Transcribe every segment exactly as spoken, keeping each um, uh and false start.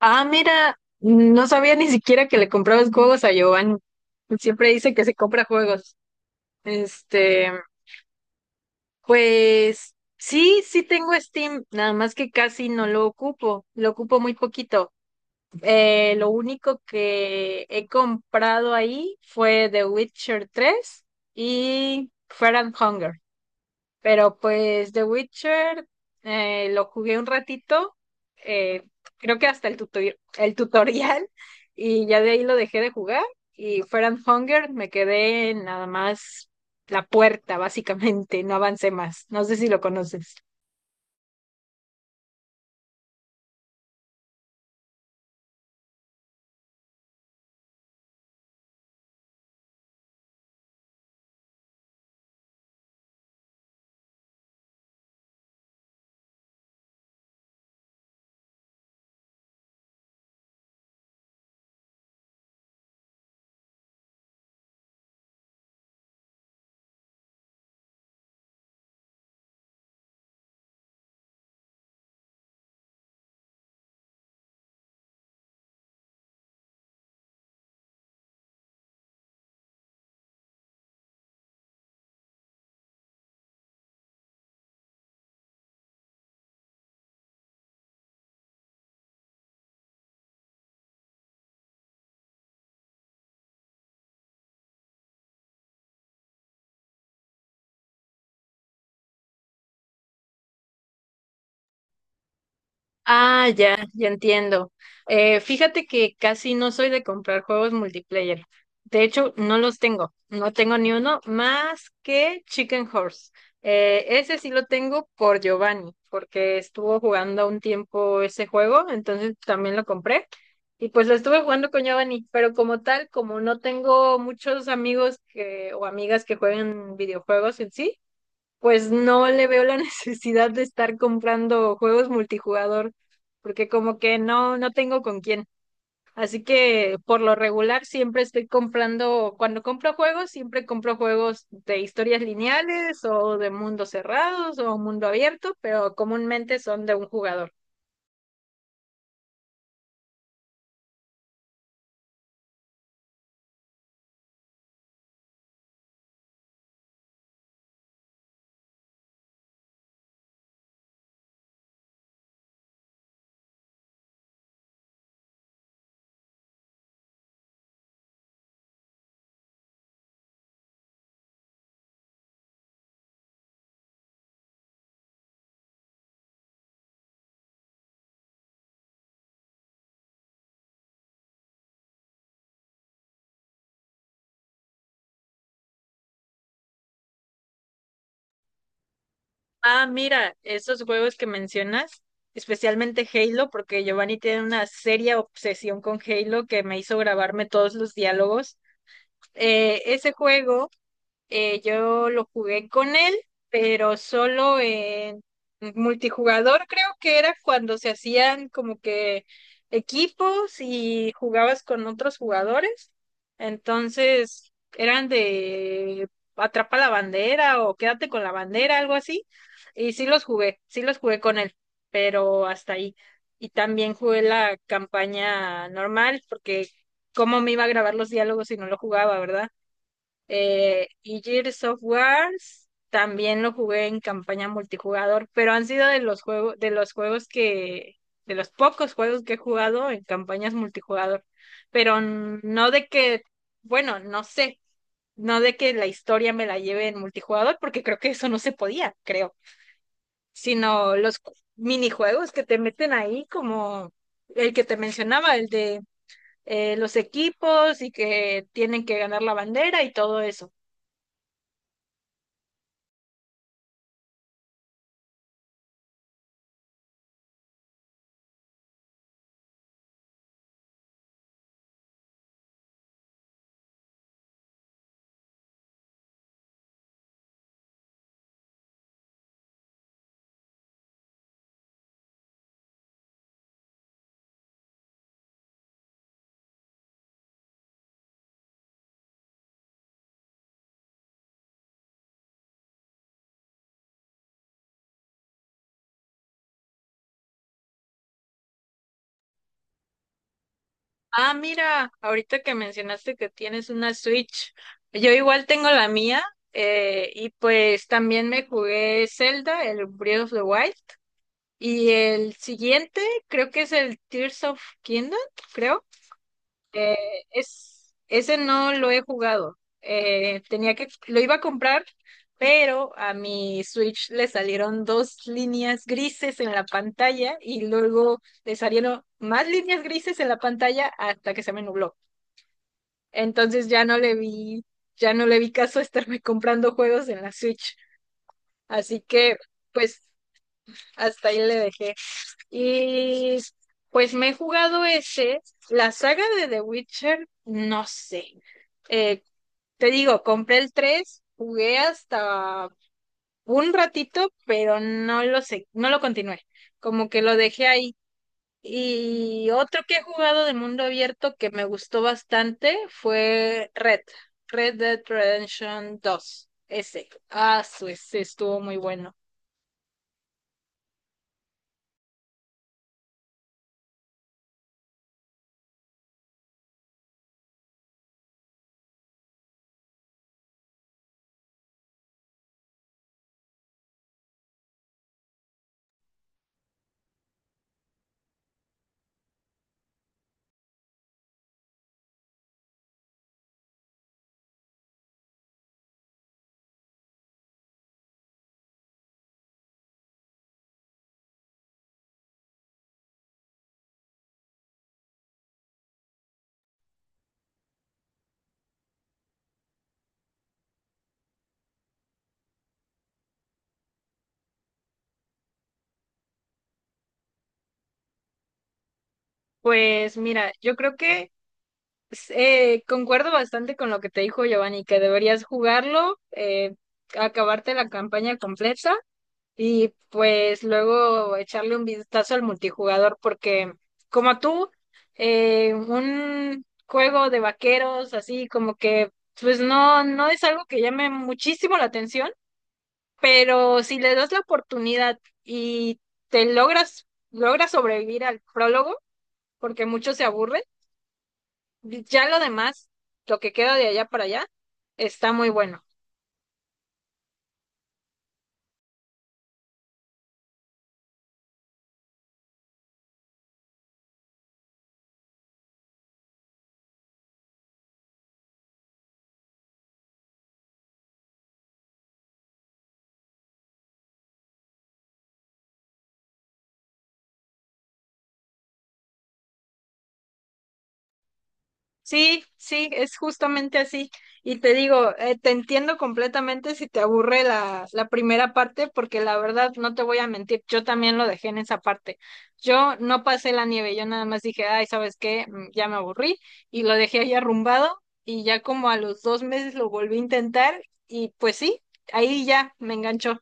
Ah, mira, no sabía ni siquiera que le comprabas juegos a Giovanni. Siempre dice que se compra juegos. Este, pues sí, sí tengo Steam, nada más que casi no lo ocupo, lo ocupo muy poquito. Eh, lo único que he comprado ahí fue The Witcher tres y Fire and Hunger. Pero pues The Witcher, eh, lo jugué un ratito, eh, creo que hasta el tutori- el tutorial, y ya de ahí lo dejé de jugar. Y Fire and Hunger me quedé en nada más la puerta, básicamente, no avancé más. No sé si lo conoces. Ah, ya, ya entiendo. Eh, fíjate que casi no soy de comprar juegos multiplayer. De hecho, no los tengo. No tengo ni uno más que Chicken Horse. Eh, ese sí lo tengo por Giovanni, porque estuvo jugando un tiempo ese juego, entonces también lo compré. Y pues lo estuve jugando con Giovanni, pero como tal, como no tengo muchos amigos que, o amigas que jueguen videojuegos en sí, pues no le veo la necesidad de estar comprando juegos multijugador, porque como que no, no tengo con quién. Así que por lo regular siempre estoy comprando, cuando compro juegos, siempre compro juegos de historias lineales o de mundos cerrados o mundo abierto, pero comúnmente son de un jugador. Ah, mira, esos juegos que mencionas, especialmente Halo, porque Giovanni tiene una seria obsesión con Halo que me hizo grabarme todos los diálogos. Eh, ese juego. Eh, yo lo jugué con él, pero solo en multijugador, creo que era cuando se hacían como que equipos y jugabas con otros jugadores. Entonces, eran de atrapa la bandera o quédate con la bandera, algo así. Y sí los jugué, sí los jugué con él, pero hasta ahí. Y también jugué la campaña normal, porque cómo me iba a grabar los diálogos si no lo jugaba, ¿verdad? Eh, y Gears of Wars también lo jugué en campaña multijugador, pero han sido de los juegos, de los juegos que, de los pocos juegos que he jugado en campañas multijugador. Pero n- no de que, bueno, no sé, no de que la historia me la lleve en multijugador, porque creo que eso no se podía, creo. Sino los cu- minijuegos que te meten ahí, como el que te mencionaba, el de eh, los equipos y que tienen que ganar la bandera y todo eso. Ah, mira, ahorita que mencionaste que tienes una Switch, yo igual tengo la mía, eh, y pues también me jugué Zelda, el Breath of the Wild y el siguiente creo que es el Tears of Kingdom, creo. Eh, es, ese no lo he jugado. Eh, tenía que, lo iba a comprar, pero a mi Switch le salieron dos líneas grises en la pantalla y luego le salieron más líneas grises en la pantalla hasta que se me nubló. Entonces ya no le vi, ya no le vi caso a estarme comprando juegos en la Switch. Así que, pues, hasta ahí le dejé. Y pues me he jugado ese. La saga de The Witcher, no sé. Eh, te digo, compré el tres, jugué hasta un ratito, pero no lo sé, no lo continué. Como que lo dejé ahí. Y otro que he jugado de mundo abierto que me gustó bastante fue Red, Red Dead Redemption dos. Ese. Ah, su, ese estuvo muy bueno. Pues mira, yo creo que eh, concuerdo bastante con lo que te dijo Giovanni, que deberías jugarlo, eh, acabarte la campaña completa y pues luego echarle un vistazo al multijugador porque como tú, eh, un juego de vaqueros así como que pues no, no es algo que llame muchísimo la atención, pero si le das la oportunidad y te logras, logras sobrevivir al prólogo, porque muchos se aburren, ya lo demás, lo que queda de allá para allá, está muy bueno. Sí, sí, es justamente así. Y te digo, eh, te entiendo completamente si te aburre la, la primera parte, porque la verdad, no te voy a mentir, yo también lo dejé en esa parte. Yo no pasé la nieve, yo nada más dije, ay, ¿sabes qué? Mm, Ya me aburrí y lo dejé ahí arrumbado y ya como a los dos meses lo volví a intentar y pues sí, ahí ya me enganchó.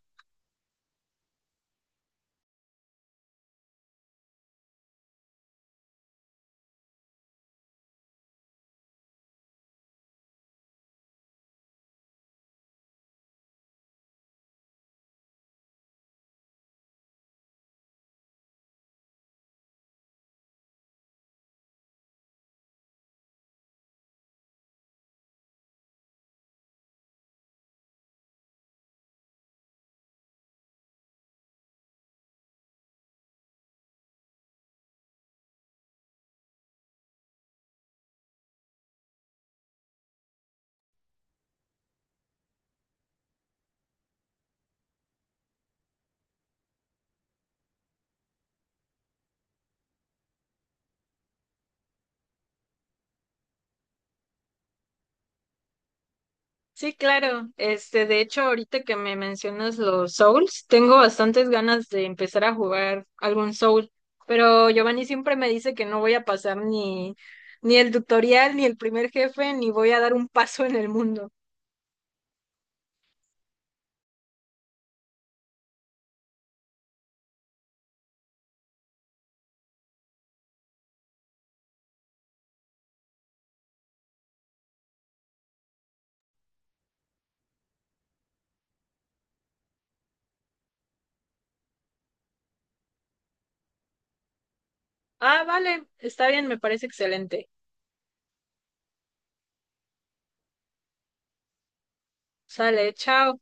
Sí, claro. Este, de hecho, ahorita que me mencionas los Souls, tengo bastantes ganas de empezar a jugar algún Soul, pero Giovanni siempre me dice que no voy a pasar ni, ni el tutorial, ni el primer jefe, ni voy a dar un paso en el mundo. Ah, vale, está bien, me parece excelente. Sale, chao.